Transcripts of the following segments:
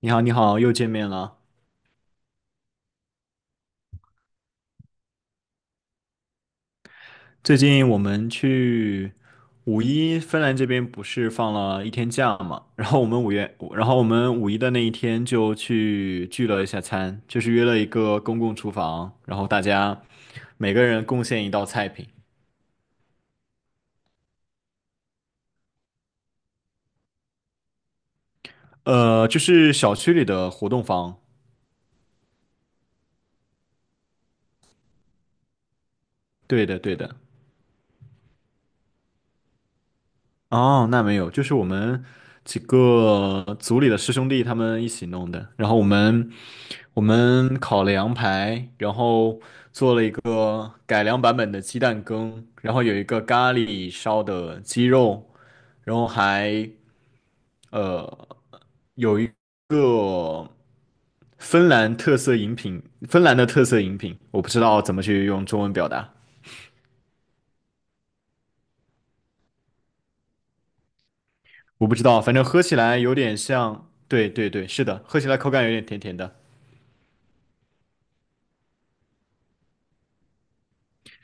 你好，你好，又见面了。最近我们去五一，芬兰这边不是放了一天假嘛？然后我们五月，然后我们五一的那一天就去聚了一下餐，就是约了一个公共厨房，然后大家每个人贡献一道菜品。就是小区里的活动房。对的，对的。哦，那没有，就是我们几个组里的师兄弟他们一起弄的。然后我们我们烤了羊排，然后做了一个改良版本的鸡蛋羹，然后有一个咖喱烧的鸡肉，然后还芬兰特色饮品，芬兰的特色饮品，我不知道怎么去用中文表达。我不知道，反正喝起来有点像，对对对，是的，喝起来口感有点甜甜的。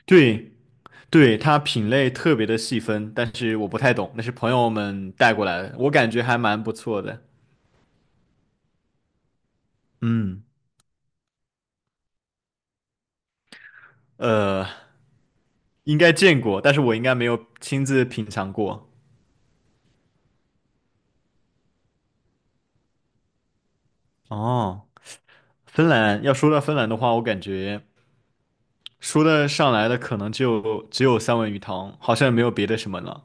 对对，它品类特别的细分，但是我不太懂，那是朋友们带过来的，我感觉还蛮不错的。嗯。呃，应该见过，但是我应该没有亲自品尝过。哦，芬兰，要说到芬兰的话，我感觉说的上来的可能就只有三文鱼汤，好像也没有别的什么了。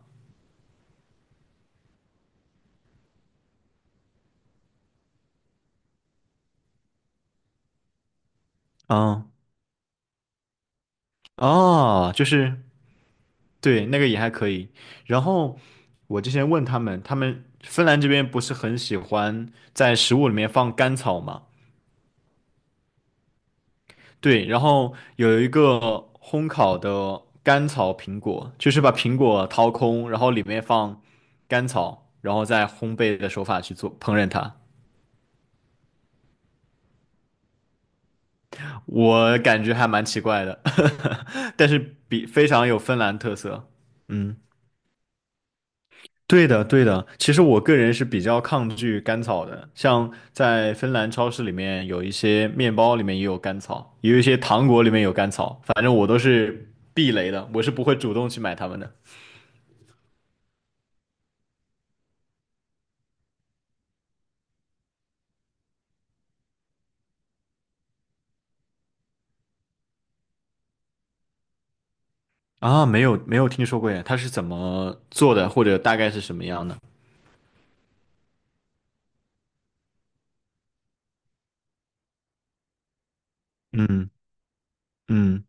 嗯，哦，就是对，那个也还可以。然后我之前问他们，他们芬兰这边不是很喜欢在食物里面放甘草吗？对，然后有一个烘烤的甘草苹果，就是把苹果掏空，然后里面放甘草，然后再烘焙的手法去做烹饪它。我感觉还蛮奇怪的，但是比非常有芬兰特色。嗯，对的，对的。其实我个人是比较抗拒甘草的，像在芬兰超市里面有一些面包里面也有甘草，也有一些糖果里面有甘草，反正我都是避雷的，我是不会主动去买它们的。啊，没有没有听说过耶，它是怎么做的，或者大概是什么样的？嗯嗯，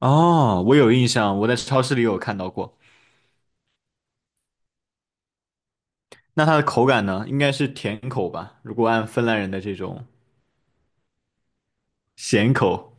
哦，我有印象，我在超市里有看到过。那它的口感呢？应该是甜口吧？如果按芬兰人的这种咸口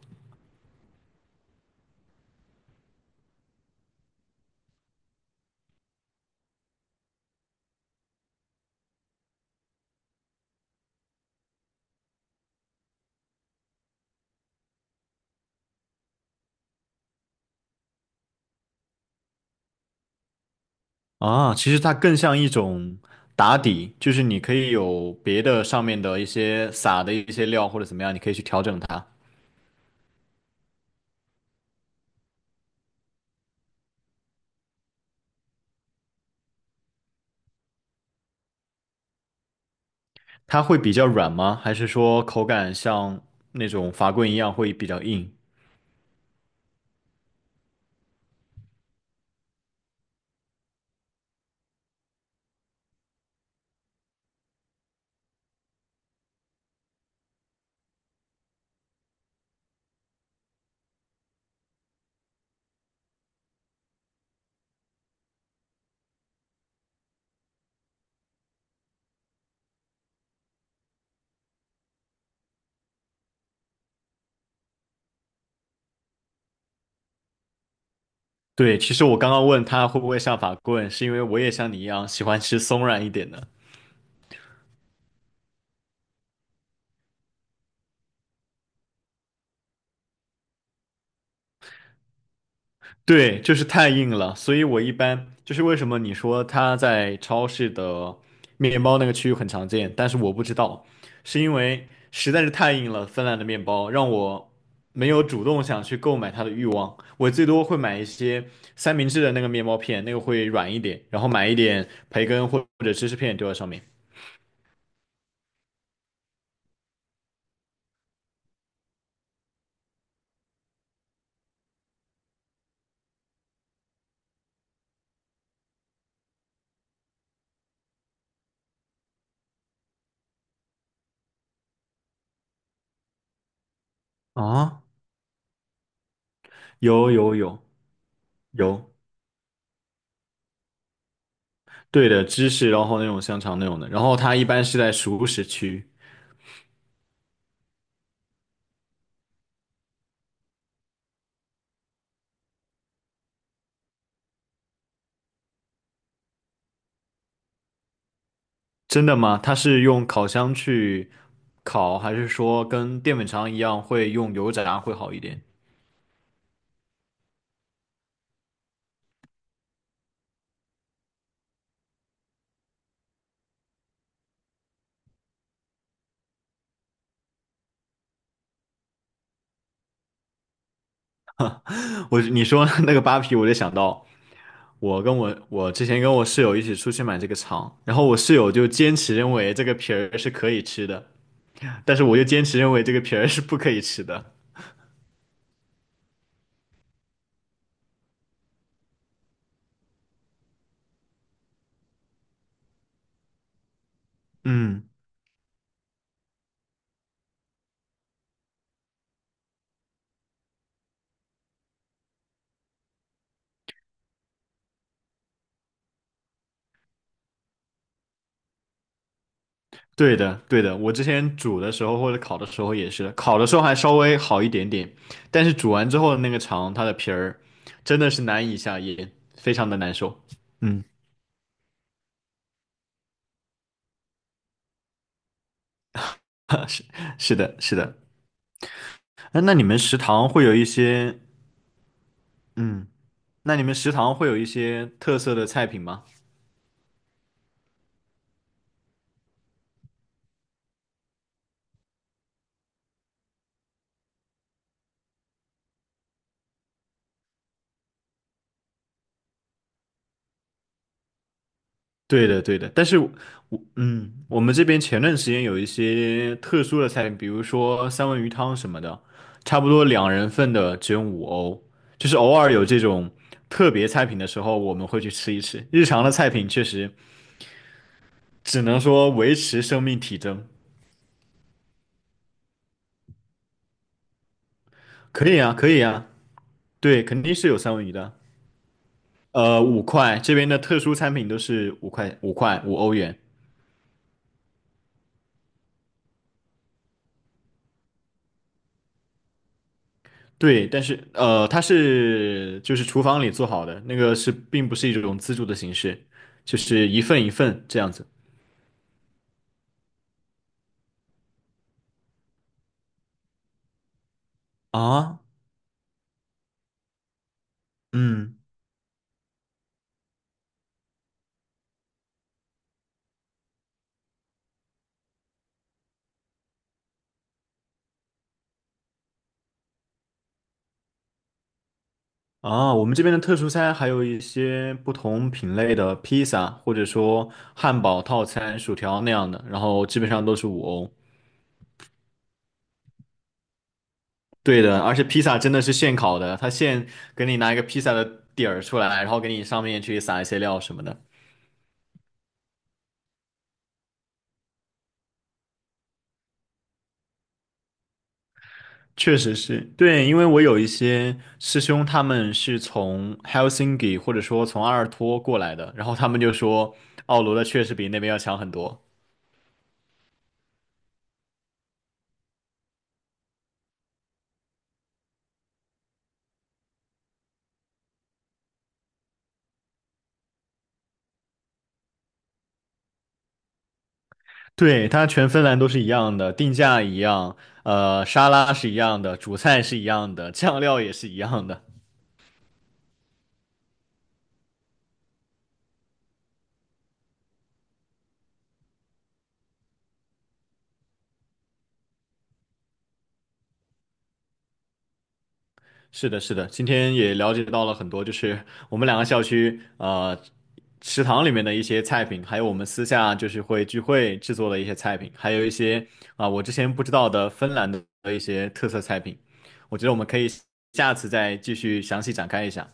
啊，其实它更像一种打底，就是你可以有别的上面的一些撒的一些料或者怎么样，你可以去调整它。它会比较软吗？还是说口感像那种法棍一样会比较硬？对，其实我刚刚问他会不会像法棍，是因为我也像你一样喜欢吃松软一点的。对，就是太硬了，所以我一般就是为什么你说它在超市的面包那个区域很常见，但是我不知道，是因为实在是太硬了，芬兰的面包让我没有主动想去购买它的欲望。我最多会买一些三明治的那个面包片，那个会软一点，然后买一点培根或者芝士片丢在上面。啊，有有有有。对的，芝士，然后那种香肠那种的，然后它一般是在熟食区。真的吗？它是用烤箱去烤，还是说跟淀粉肠一样会用油炸会好一点？我你说 那个扒皮，我就想到我跟我之前跟我室友一起出去买这个肠，然后我室友就坚持认为这个皮儿是可以吃的，但是我就坚持认为这个皮儿是不可以吃的。嗯。对的，对的，我之前煮的时候或者烤的时候也是，烤的时候还稍微好一点点，但是煮完之后的那个肠，它的皮儿真的是难以下咽，非常的难受。嗯，是的，是的。那那你们食堂会有一些，嗯，那你们食堂会有一些特色的菜品吗？对的，对的，但是我，嗯，我们这边前段时间有一些特殊的菜品，比如说三文鱼汤什么的，差不多两人份的只用五欧，就是偶尔有这种特别菜品的时候，我们会去吃一吃。日常的菜品确实只能说维持生命体征。可以啊，可以啊，对，肯定是有三文鱼的。五块，这边的特殊餐品都是五块，五块，5欧元。对，但是它是就是厨房里做好的，那个是并不是一种自助的形式，就是一份一份这样子。啊，嗯，啊，我们这边的特殊餐还有一些不同品类的披萨，或者说汉堡套餐、薯条那样的，然后基本上都是五欧。对的，而且披萨真的是现烤的，它现给你拿一个披萨的底儿出来，然后给你上面去撒一些料什么的。确实是对，因为我有一些师兄，他们是从 Helsinki 或者说从阿尔托过来的，然后他们就说奥罗的确实比那边要强很多。对，它全芬兰都是一样的，定价一样，沙拉是一样的，主菜是一样的，酱料也是一样的。是的，是的，今天也了解到了很多，就是我们两个校区食堂里面的一些菜品，还有我们私下就是会聚会制作的一些菜品，还有一些啊、我之前不知道的芬兰的一些特色菜品，我觉得我们可以下次再继续详细展开一下。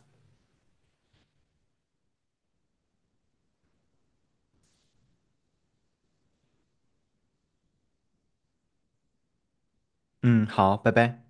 嗯，好，拜拜。